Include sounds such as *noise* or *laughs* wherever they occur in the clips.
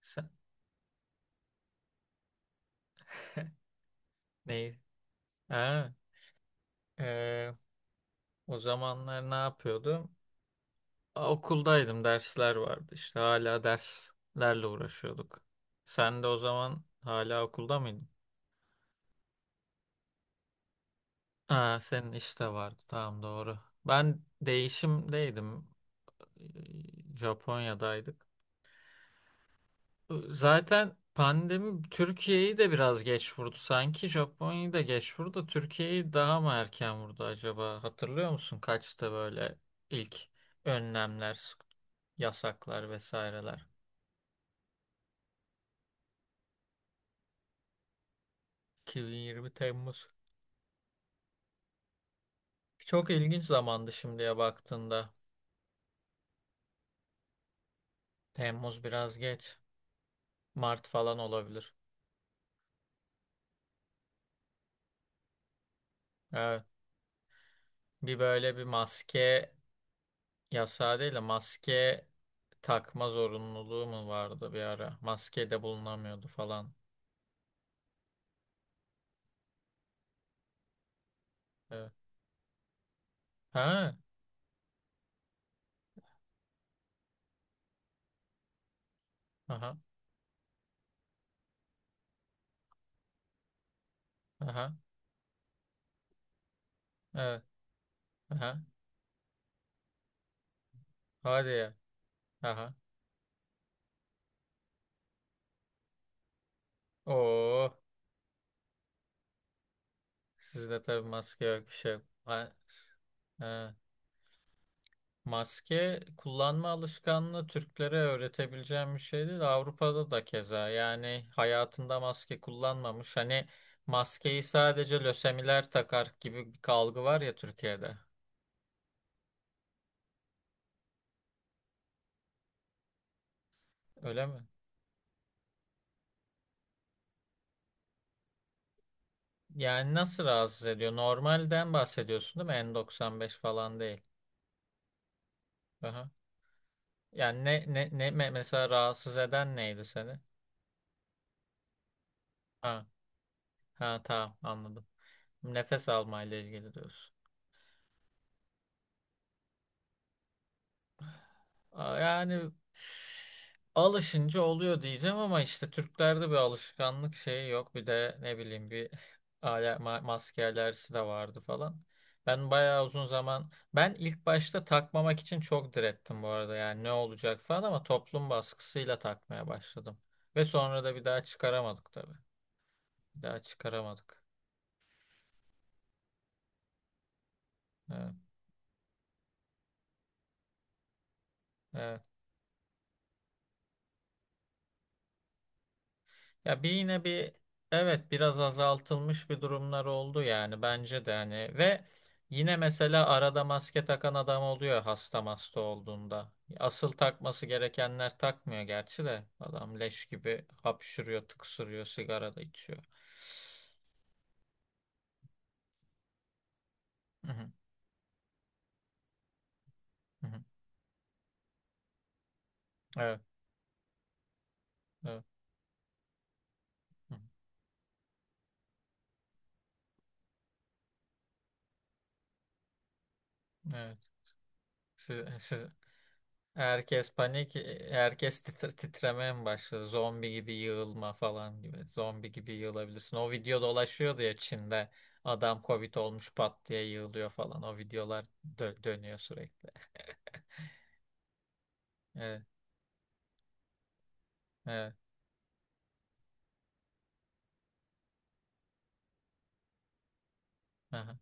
Sen, neyi? Ha, e, o zamanlar ne yapıyordum? A, okuldaydım, dersler vardı. İşte hala derslerle uğraşıyorduk. Sen de o zaman hala okulda mıydın? Ha, senin işte vardı. Tamam doğru. Ben değişimdeydim. Japonya'daydık. Zaten pandemi Türkiye'yi de biraz geç vurdu sanki. Japonya'yı da geç vurdu. Da Türkiye'yi daha mı erken vurdu acaba? Hatırlıyor musun kaçta böyle ilk önlemler, yasaklar vesaireler? 2020 Temmuz. Çok ilginç zamandı şimdiye baktığında. Temmuz biraz geç. Mart falan olabilir. Evet. Bir böyle bir maske yasağı değil de maske takma zorunluluğu mu vardı bir ara? Maske de bulunamıyordu falan. Evet. Ha. Aha. Aha. Evet. Aha. Hadi ya. Aha. Oo. Sizde tabii maske yok bir şey yok. Ha. Ha. Maske kullanma alışkanlığı Türklere öğretebileceğim bir şey değil. Avrupa'da da keza. Yani hayatında maske kullanmamış. Hani maskeyi sadece lösemiler takar gibi bir algı var ya Türkiye'de. Öyle mi? Yani nasıl rahatsız ediyor? Normalden bahsediyorsun değil mi? N95 falan değil. Aha. Yani mesela rahatsız eden neydi seni? Ha ha tamam anladım. Nefes almayla ilgili diyorsun. Aa, yani alışınca oluyor diyeceğim ama işte Türklerde bir alışkanlık şeyi yok. Bir de ne bileyim bir *laughs* maske alerjisi de vardı falan. Ben bayağı uzun zaman ben ilk başta takmamak için çok direttim bu arada. Yani ne olacak falan ama toplum baskısıyla takmaya başladım. Ve sonra da bir daha çıkaramadık tabii. Bir daha çıkaramadık. Evet. Evet. Ya bir yine bir evet biraz azaltılmış bir durumlar oldu yani bence de hani ve yine mesela arada maske takan adam oluyor hasta hasta olduğunda. Asıl takması gerekenler takmıyor gerçi de adam leş gibi hapşırıyor, tıksırıyor, sigara da içiyor. Hı hı, hı hı. Evet, evet, hı hı. Evet. Siz, herkes panik, herkes titremeye mi başladı? Zombi gibi yığılma falan gibi. Zombi gibi yığılabilirsin. O video dolaşıyordu ya Çin'de. Adam Covid olmuş pat diye yığılıyor falan. O videolar dönüyor sürekli. Evet, evet, aha,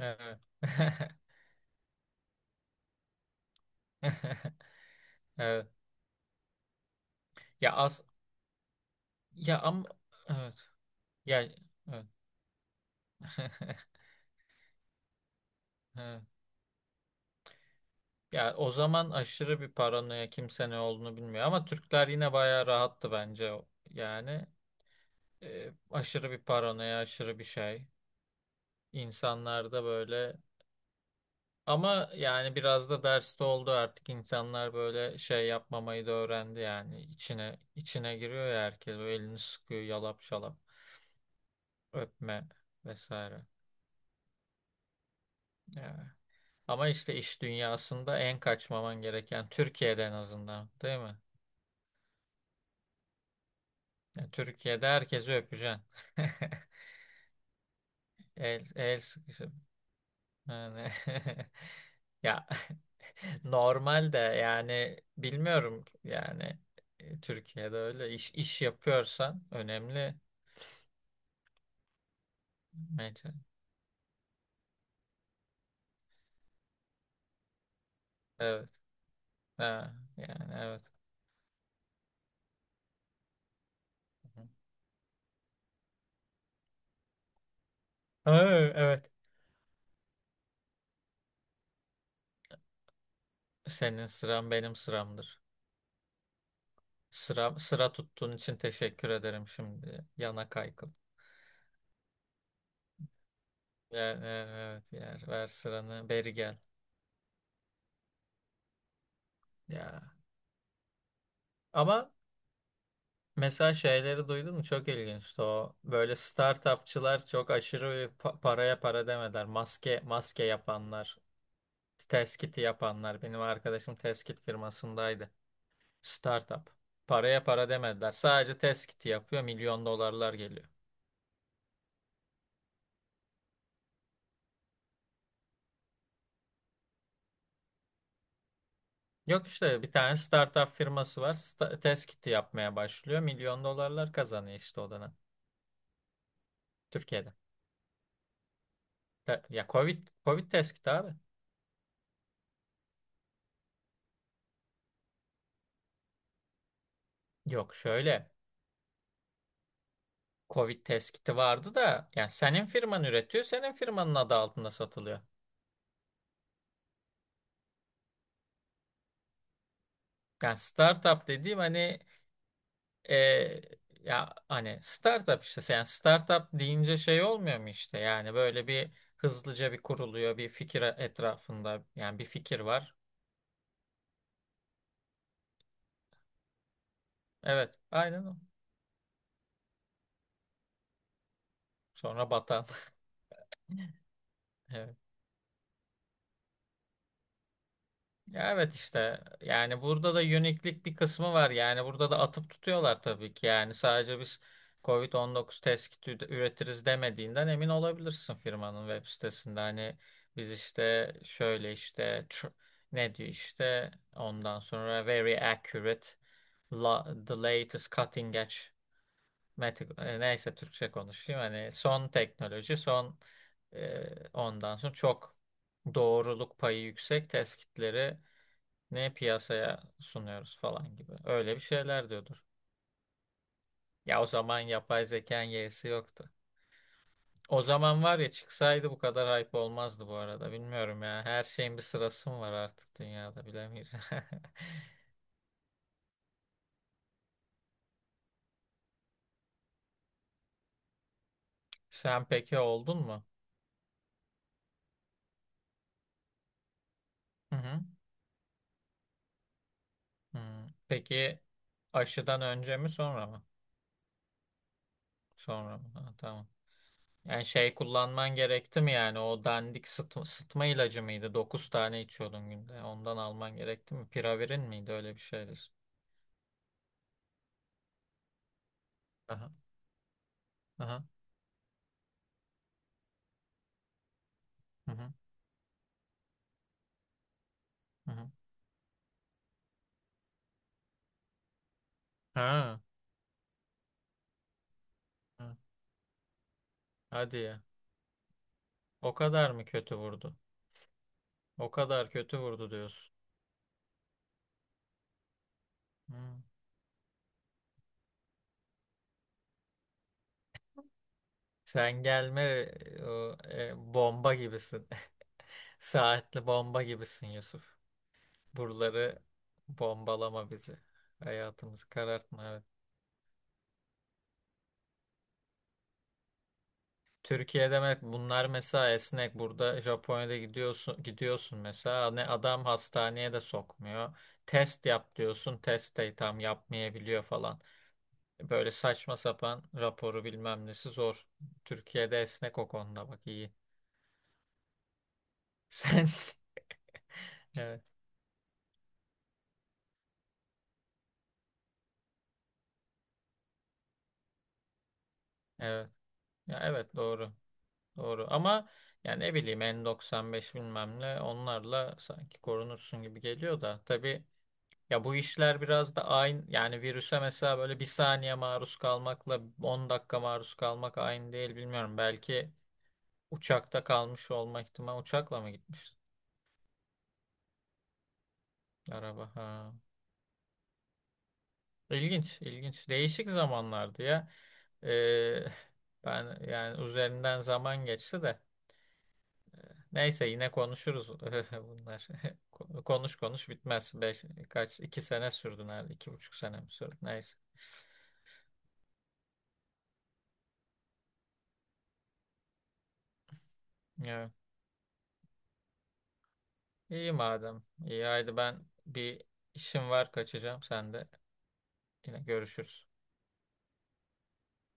evet. *laughs* Evet. Ya az ya am Evet. Ya evet. *laughs* Evet. Ya o zaman aşırı bir paranoya kimse ne olduğunu bilmiyor ama Türkler yine bayağı rahattı bence yani aşırı bir paranoya, aşırı bir şey. İnsanlarda böyle ama yani biraz da derste oldu artık insanlar böyle şey yapmamayı da öğrendi yani içine içine giriyor ya herkes o elini sıkıyor yalap şalap öpme vesaire. Yani. Ama işte iş dünyasında en kaçmaman gereken Türkiye'de en azından değil mi? Yani Türkiye'de herkesi öpeceksin. *laughs* El sıkışıp. Yani *laughs* Ya *laughs* normal de yani bilmiyorum yani Türkiye'de öyle iş yapıyorsan önemli bence. Evet. Ha, yani evet. Ha, evet. Senin sıran benim sıramdır. Sıra, sıra tuttuğun için teşekkür ederim şimdi. Yana kaykıl. Yani, evet yer. Ver sıranı. Beri gel. Ya. Ama mesela şeyleri duydun mu? Çok ilginçti o. Böyle startupçılar çok aşırı bir paraya para demediler. Maske maske yapanlar, test kiti yapanlar. Benim arkadaşım test kit firmasındaydı. Startup. Paraya para demediler. Sadece test kiti yapıyor. Milyon dolarlar geliyor. Yok işte bir tane startup firması var. Test kiti yapmaya başlıyor. Milyon dolarlar kazanıyor işte o dönem. Türkiye'de. Ya Covid test kiti abi. Yok şöyle. Covid test vardı da yani senin firman üretiyor, senin firmanın adı altında satılıyor. Yani startup dediğim hani e, ya hani startup işte yani startup deyince şey olmuyor mu işte yani böyle bir hızlıca bir kuruluyor bir fikir etrafında yani bir fikir var. Evet, aynen o. Sonra batan. *laughs* Evet. Ya evet işte yani burada da uniklik bir kısmı var. Yani burada da atıp tutuyorlar tabii ki. Yani sadece biz Covid-19 test kiti üretiriz demediğinden emin olabilirsin firmanın web sitesinde. Hani biz işte şöyle işte ne diyor işte ondan sonra very accurate the latest cutting edge neyse Türkçe konuşayım. Hani son teknoloji son e, ondan sonra çok doğruluk payı yüksek test kitleri ne piyasaya sunuyoruz falan gibi. Öyle bir şeyler diyordur. Ya o zaman yapay zekanın yeğsi yoktu. O zaman var ya çıksaydı bu kadar hype olmazdı bu arada. Bilmiyorum ya. Her şeyin bir sırası mı var artık dünyada bilemiyorum. *laughs* Sen peki oldun mu? Hı hı. Hı. Peki aşıdan önce mi sonra mı? Sonra mı? Ha, tamam. Yani şey kullanman gerekti mi yani o dandik sıtma ilacı mıydı? 9 tane içiyordun günde. Ondan alman gerekti mi? Piravirin miydi? Öyle bir şeydi. Aha. Hı hı. Hı hı. Ha. Ha. Hadi ya. O kadar mı kötü vurdu? O kadar kötü vurdu diyorsun. Hmm. Sen gelme, bomba gibisin. *laughs* Saatli bomba gibisin Yusuf. Buraları bombalama bizi. Hayatımızı karartma. Evet. Türkiye demek bunlar mesela esnek. Burada Japonya'da gidiyorsun gidiyorsun mesela ne adam hastaneye de sokmuyor. Test yap diyorsun. Test de tam yapmayabiliyor falan. Böyle saçma sapan raporu bilmem nesi zor. Türkiye'de esnek o konuda bak iyi. *laughs* Sen evet evet ya evet doğru doğru ama yani ne bileyim N95 bilmem ne onlarla sanki korunursun gibi geliyor da tabii ya bu işler biraz da aynı yani virüse mesela böyle bir saniye maruz kalmakla 10 dakika maruz kalmak aynı değil bilmiyorum belki uçakta kalmış olma ihtimali uçakla mı gitmiş araba ha. İlginç, ilginç. Değişik zamanlardı ya. Ee, *laughs* Ben yani üzerinden zaman geçti de. Neyse yine konuşuruz *laughs* bunlar. *laughs* Konuş konuş bitmez. Kaç, 2 sene sürdü nerede? 2,5 sene mi sürdü? Neyse. Evet. İyi madem. İyi haydi ben bir işim var kaçacağım. Sen de yine görüşürüz.